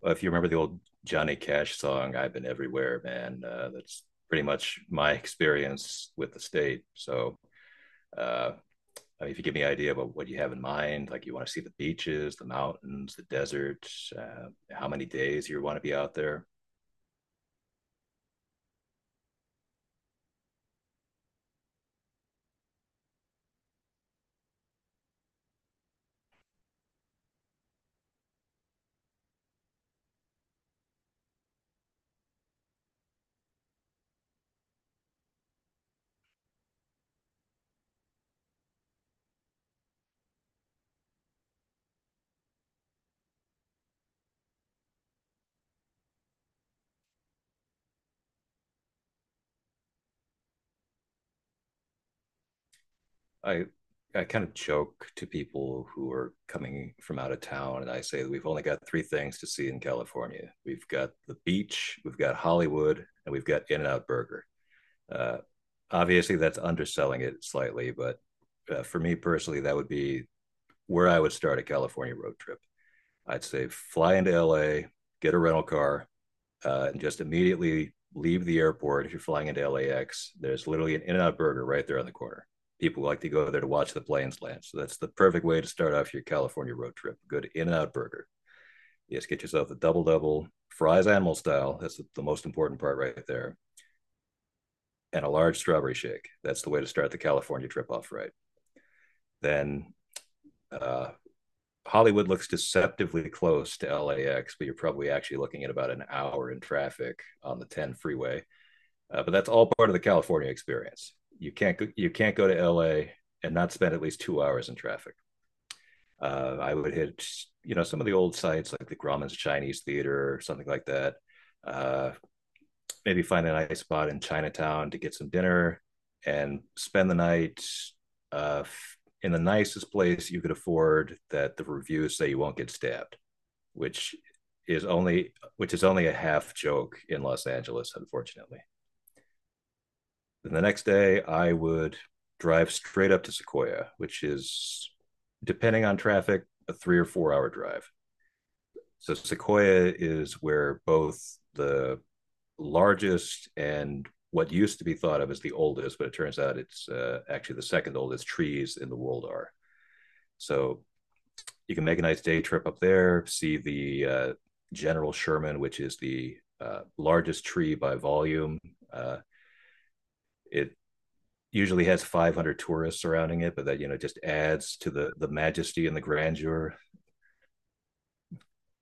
Well, if you remember the old Johnny Cash song, I've been everywhere, man, that's pretty much my experience with the state. Uh, if you give me an idea about what you have in mind, like you want to see the beaches, the mountains, the desert, how many days you want to be out there. I, I kind of joke to people who are coming from out of town, and I say that we've only got three things to see in California. We've got the beach, we've got Hollywood, and we've got In-N-Out Burger. Uh, Obviously, that's underselling it slightly, but for me personally, that would be where I would start a California road trip. I'd say fly into LA, get a rental car, and just immediately leave the airport. If you're flying into LAX, there's literally an In N Out burger right there on the corner. People like to go there to watch the planes land. So that's the perfect way to start off your California road trip. Good In N Out burger. Yes, get yourself a double double, fries animal style. That's the most important part right there. And a large strawberry shake. That's the way to start the California trip off right. Then uh, Hollywood looks deceptively close to LAX, but you're probably actually looking at about an hour in traffic on the 10 freeway. But that's all part of the California experience. You can't go to LA and not spend at least 2 hours in traffic. I would hit you know some of the old sites like the Grauman's Chinese Theater or something like that. Uh, Maybe find a nice spot in Chinatown to get some dinner and spend the night, uh, in the nicest place you could afford that the reviews say you won't get stabbed, which which is only a half joke in Los Angeles, unfortunately. Then the next day, I would drive straight up to Sequoia, which is, depending on traffic, a 3 or 4 hour drive. So Sequoia is where both the largest and what used to be thought of as the oldest, but it turns out it's actually the second oldest trees in the world are. So you can make a nice day trip up there, see the General Sherman, which is the largest tree by volume. Uh, it usually has 500 tourists surrounding it, but that you know just adds to the majesty and the grandeur.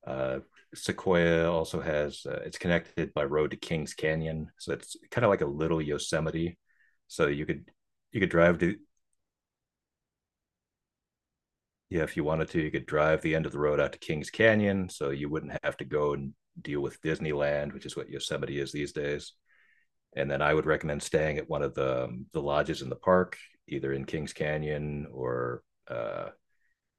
Uh, Sequoia also has, it's connected by road to Kings Canyon, so it's kind of like a little Yosemite. So you could drive to Yeah, if you wanted to you could drive the end of the road out to Kings Canyon, so you wouldn't have to go and deal with Disneyland, which is what Yosemite is these days. And then I would recommend staying at one of the lodges in the park, either in Kings Canyon or, uh,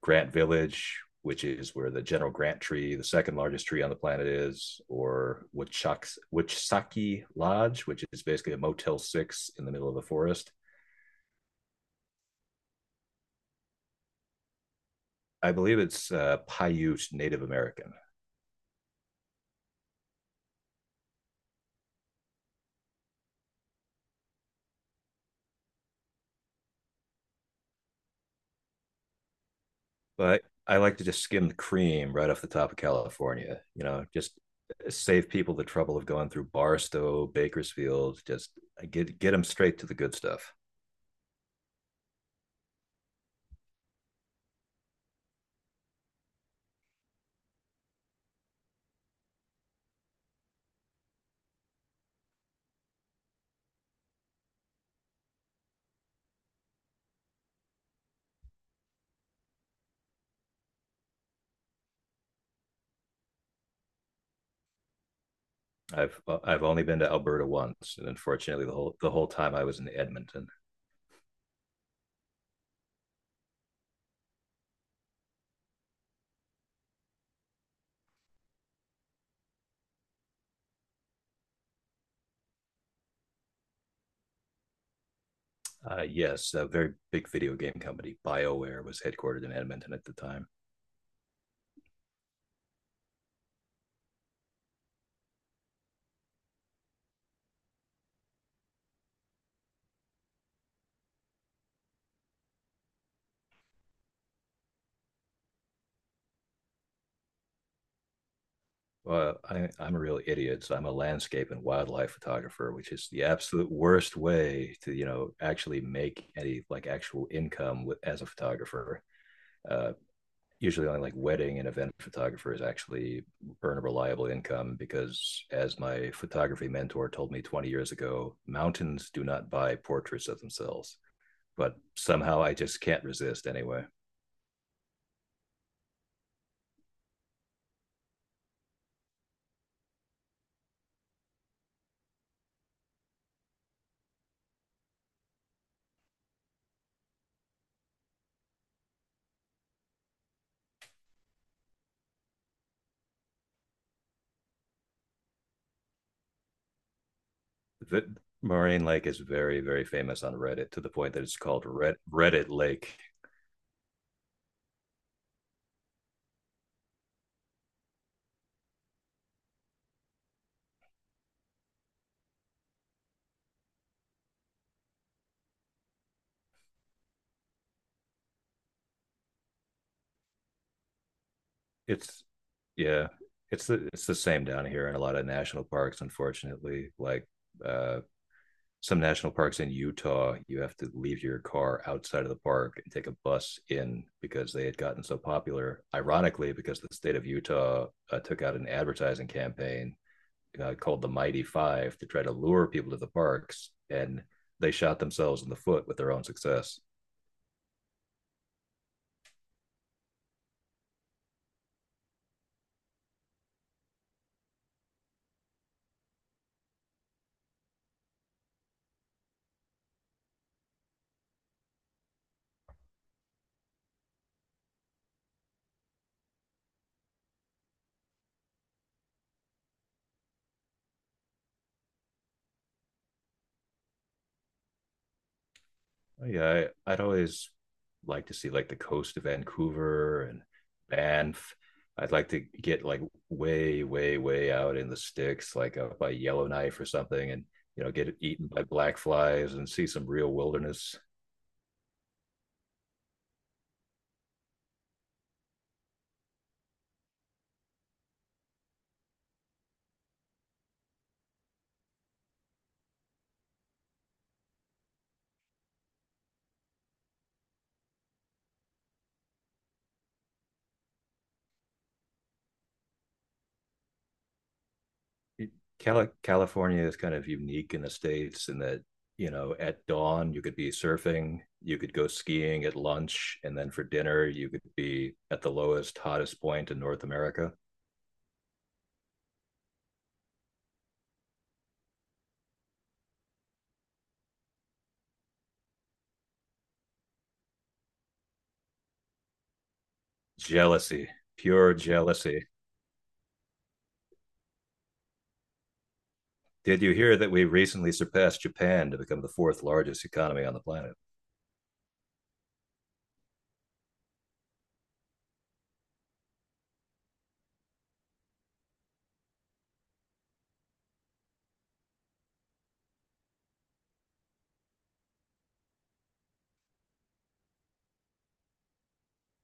Grant Village, which is where the General Grant tree, the second largest tree on the planet, is, or Wichsaki Lodge, which is basically a Motel 6 in the middle of the forest. I believe it's Paiute Native American, but I like to just skim the cream right off the top of California, you know, just save people the trouble of going through Barstow, Bakersfield, just get them straight to the good stuff. I've only been to Alberta once, and unfortunately, the whole time I was in Edmonton. Yes, a very big video game company, BioWare, was headquartered in Edmonton at the time. Well, I'm a real idiot. So I'm a landscape and wildlife photographer, which is the absolute worst way to, you know, actually make any like actual income with, as a photographer. Uh, Usually only like wedding and event photographers actually earn a reliable income because as my photography mentor told me 20 years ago, mountains do not buy portraits of themselves. But somehow I just can't resist anyway. The Moraine Lake is very, very famous on Reddit to the point that it's called Reddit Lake. It's yeah, it's the same down here in a lot of national parks. Unfortunately, like, uh, some national parks in Utah, you have to leave your car outside of the park and take a bus in because they had gotten so popular. Ironically, because the state of Utah took out an advertising campaign called the Mighty Five to try to lure people to the parks, and they shot themselves in the foot with their own success. Oh, yeah, I'd always like to see like the coast of Vancouver and Banff. I'd like to get like way, way, way out in the sticks, like out by Yellowknife or something, and you know, get eaten by black flies and see some real wilderness. California is kind of unique in the states in that you know at dawn you could be surfing, you could go skiing at lunch, and then for dinner you could be at the lowest, hottest point in North America. Jealousy, pure jealousy. Did you hear that we recently surpassed Japan to become the fourth largest economy on the planet?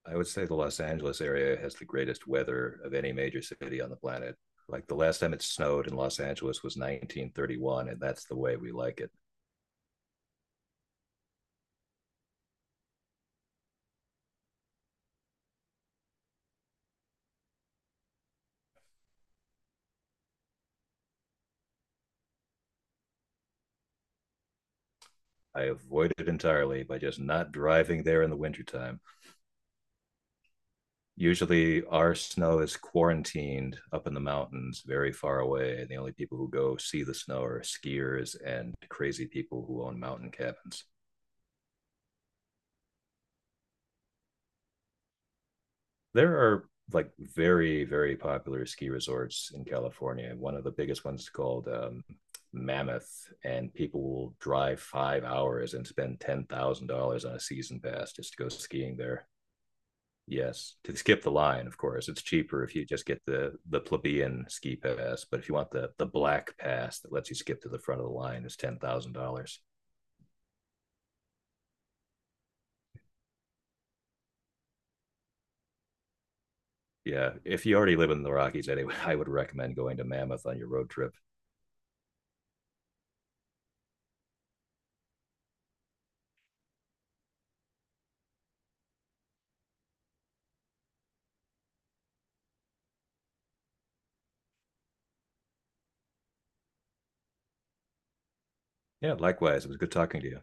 I would say the Los Angeles area has the greatest weather of any major city on the planet. Like the last time it snowed in Los Angeles was 1931, and that's the way we like it. I avoid it entirely by just not driving there in the wintertime. Usually, our snow is quarantined up in the mountains, very far away, and the only people who go see the snow are skiers and crazy people who own mountain cabins. There are like very very popular ski resorts in California. One of the biggest ones is called Mammoth, and people will drive 5 hours and spend $10,000 on a season pass just to go skiing there. Yes, to skip the line, of course, it's cheaper if you just get the plebeian ski pass. But if you want the black pass that lets you skip to the front of the line, it's $10,000. Yeah, if you already live in the Rockies anyway, I would recommend going to Mammoth on your road trip. Yeah, likewise, it was good talking to you.